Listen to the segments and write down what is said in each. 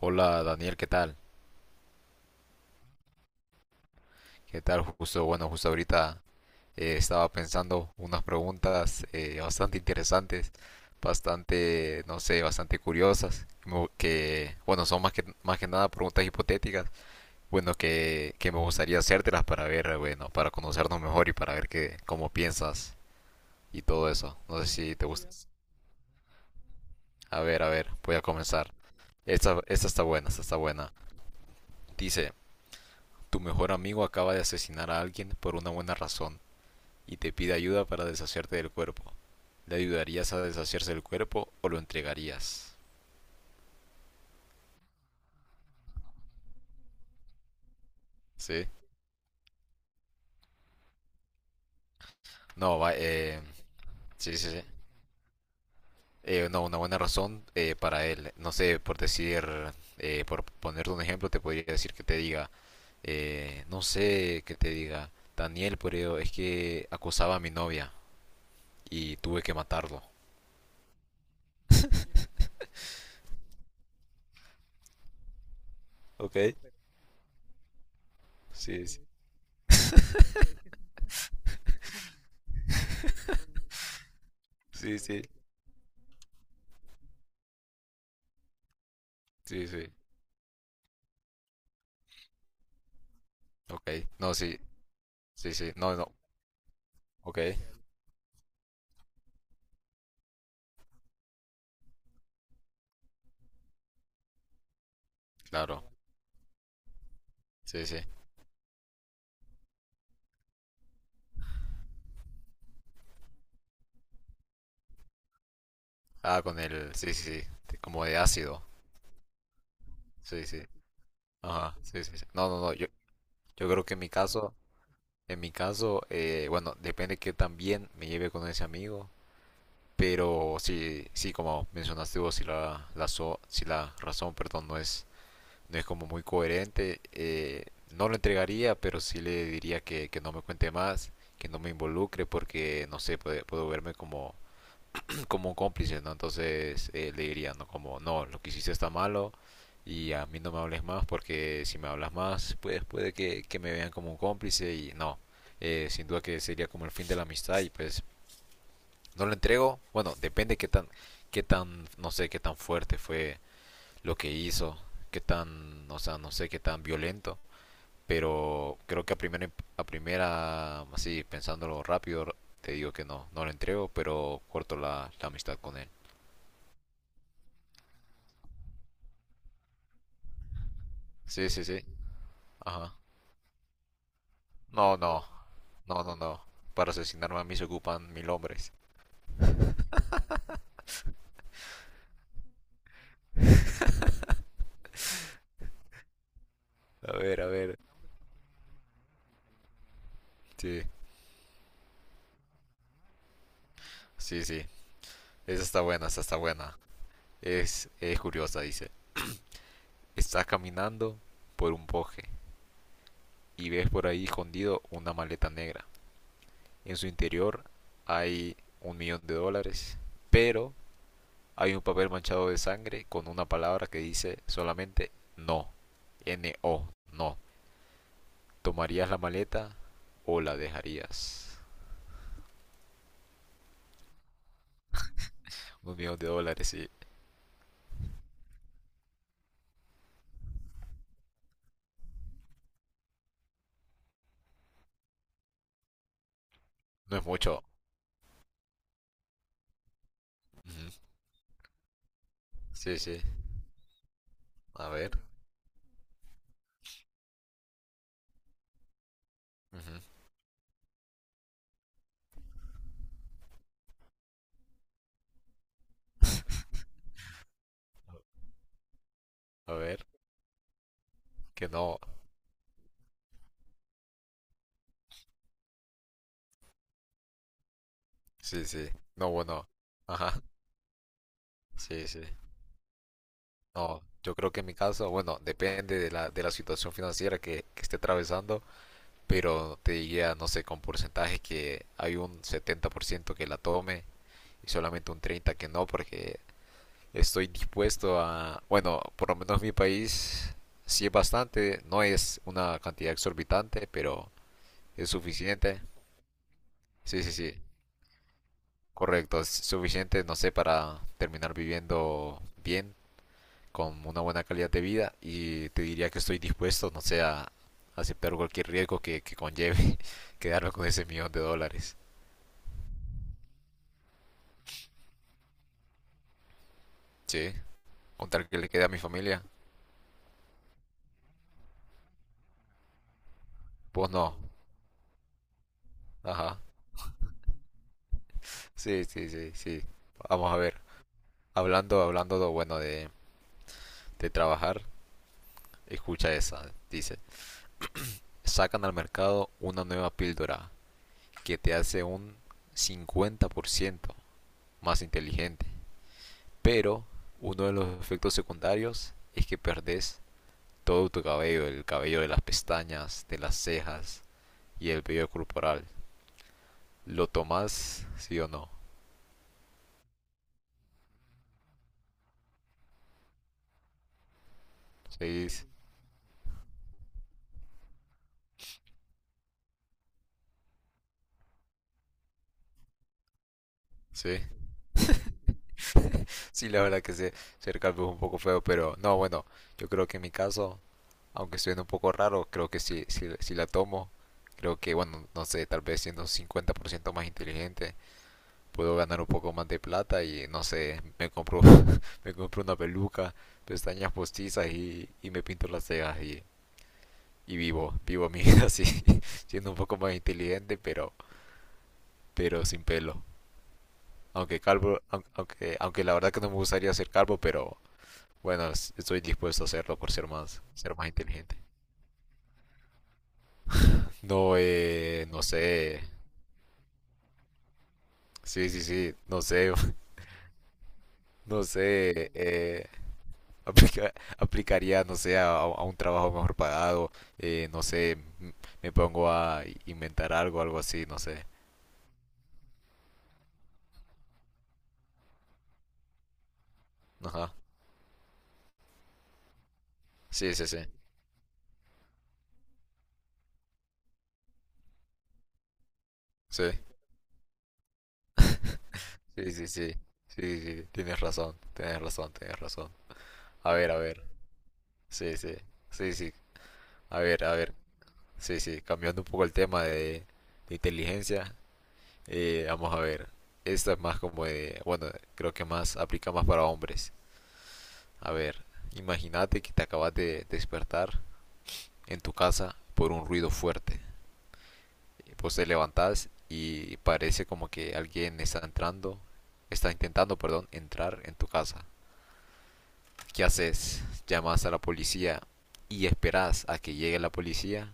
Hola Daniel, ¿qué tal? ¿Qué tal? Justo, bueno, justo ahorita estaba pensando unas preguntas bastante interesantes, bastante, no sé, bastante curiosas, como que, bueno, son más que nada preguntas hipotéticas, bueno, que me gustaría hacértelas para ver, bueno, para conocernos mejor y para ver qué, cómo piensas y todo eso. No sé si te gusta. A ver, voy a comenzar. Esta está buena, esta está buena. Dice, tu mejor amigo acaba de asesinar a alguien por una buena razón y te pide ayuda para deshacerte del cuerpo. ¿Le ayudarías a deshacerse del cuerpo o lo entregarías? ¿Sí? No, va, sí, sí, sí. No, una buena razón para él. No sé, por decir, por ponerte un ejemplo, te podría decir que te diga, no sé, que te diga, Daniel, pero es que acosaba a mi novia y tuve que matarlo. Ok, sí, sí, sí, sí, sí, sí. Ok, no, sí, sí, sí, no, no, ok, claro, sí, sí. Ah, con el. Sí, sí, sí. Como de ácido. Sí, sí. Ajá. Sí, sí, sí. No, no, no. Yo creo que en mi caso. En mi caso, bueno, depende que también me lleve con ese amigo. Pero sí, sí, como mencionaste vos, si si la razón, perdón, no es, no es como muy coherente, no lo entregaría, pero sí le diría que no me cuente más, que no me involucre, porque no sé, puede, puedo verme como como un cómplice, ¿no? Entonces le diría, ¿no? Como, no, lo que hiciste está malo y a mí no me hables más porque si me hablas más, pues puede que me vean como un cómplice y no. Sin duda que sería como el fin de la amistad y pues no lo entrego. Bueno, depende qué tan, no sé, qué tan fuerte fue lo que hizo, qué tan, o sea, no sé, qué tan violento. Pero creo que a primera, así pensándolo rápido, te digo que no, no lo entrego, pero corto la, la amistad con él. Sí, sí, sí. Ajá. No, no. No, no, no. Para asesinarme a mí se ocupan mil hombres. A ver, a ver. Sí, sí, sí. Esa está buena, esa está buena. Es curiosa, dice. Estás caminando por un bosque y ves por ahí escondido una maleta negra. En su interior hay un millón de dólares, pero hay un papel manchado de sangre con una palabra que dice solamente no. N-O, no. ¿Tomarías la maleta o la dejarías? Un millón de dólares, sí. No es mucho. Ujú. Sí, sí. A ver. Ujú. A ver. Que no. Sí, sí. No, bueno. Ajá. Sí, sí. No, yo creo que en mi caso, bueno, depende de la situación financiera que esté atravesando, pero te diría, no sé, con porcentajes que hay un 70% que la tome y solamente un 30% que no, porque estoy dispuesto a, bueno, por lo menos mi país sí es bastante, no es una cantidad exorbitante, pero es suficiente. Sí, sí, sí, correcto, es suficiente, no sé, para terminar viviendo bien, con una buena calidad de vida y te diría que estoy dispuesto, no sé, a aceptar cualquier riesgo que conlleve quedarme con ese millón de dólares. Sí, contar que le quede a mi familia, pues no, ajá, sí, sí, sí, sí. Vamos a ver, hablando, hablando, bueno, de trabajar, escucha esa, dice, sacan al mercado una nueva píldora que te hace un 50% más inteligente, pero uno de los efectos secundarios es que perdés todo tu cabello, el cabello de las pestañas, de las cejas y el vello corporal. ¿Lo tomás, sí o no? Sí, sí. Sí, la verdad que sí. se, ser calvo es un poco feo, pero no, bueno, yo creo que en mi caso aunque suene un poco raro, creo que si, la tomo, creo que, bueno, no sé, tal vez siendo un 50% más inteligente, puedo ganar un poco más de plata y, no sé, me compro, me compro una peluca, pestañas postizas y me pinto las cejas y vivo, vivo mi vida así, siendo un poco más inteligente, pero sin pelo. Aunque calvo, aunque, aunque la verdad que no me gustaría ser calvo, pero bueno, estoy dispuesto a hacerlo por ser más inteligente. No, no sé, sí, sí, sí, no sé, no sé, aplicaría, no sé, a un trabajo mejor pagado, no sé, m- me pongo a inventar algo, algo así, no sé. Ajá, sí, sí, sí, sí, sí, sí, sí, sí, sí, tienes razón, tienes razón, tienes razón. A ver, sí, sí, sí, sí, a ver, sí, sí, cambiando un poco el tema de inteligencia, vamos a ver, esta es más como de, bueno, creo que más, aplica más para hombres. A ver, imagínate que te acabas de despertar en tu casa por un ruido fuerte. Pues te levantas y parece como que alguien está entrando, está intentando, perdón, entrar en tu casa. ¿Qué haces? ¿Llamas a la policía y esperas a que llegue la policía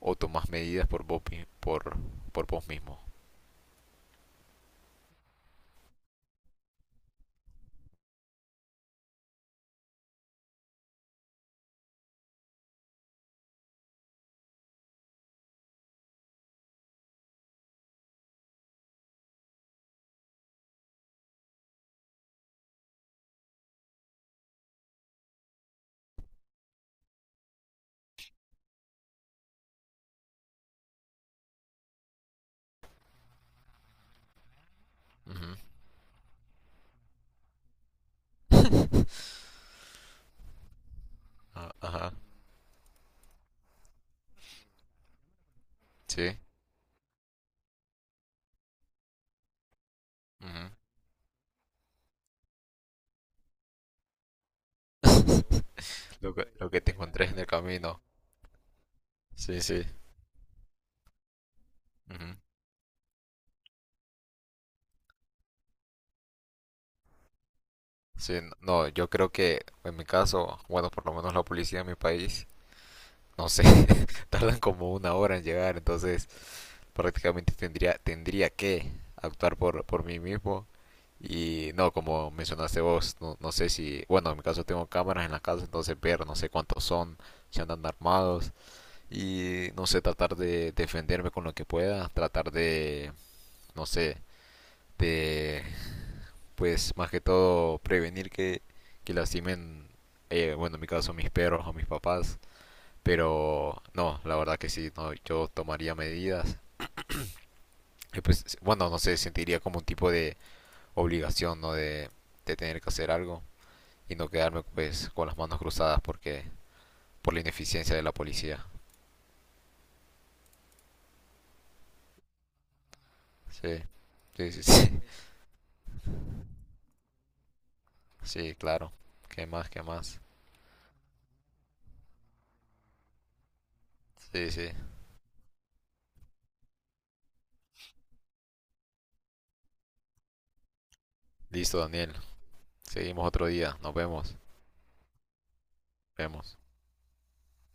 o tomas medidas por vos, por vos mismo? Ujú. Ah, ajá, sí. Ujú. Lo que te encontré en el camino. Sí, sí. Ujú. Sí, no, yo creo que en mi caso, bueno, por lo menos la policía en mi país, no sé, tardan como una hora en llegar, entonces prácticamente tendría, tendría que actuar por mí mismo. Y no, como mencionaste vos, no, no sé si, bueno, en mi caso tengo cámaras en la casa, entonces ver, no sé cuántos son, si andan armados, y no sé, tratar de defenderme con lo que pueda, tratar de, no sé, de pues más que todo prevenir que lastimen, bueno, en mi caso mis perros o mis papás, pero no, la verdad que sí, no, yo tomaría medidas. Y pues, bueno, no sé, sentiría como un tipo de obligación, ¿no? De tener que hacer algo y no quedarme pues con las manos cruzadas porque por la ineficiencia de la policía. Sí, sí, sí, sí. Sí, claro. ¿Qué más? ¿Qué más? Sí, sí. Listo, Daniel. Seguimos otro día. Nos vemos. Vemos.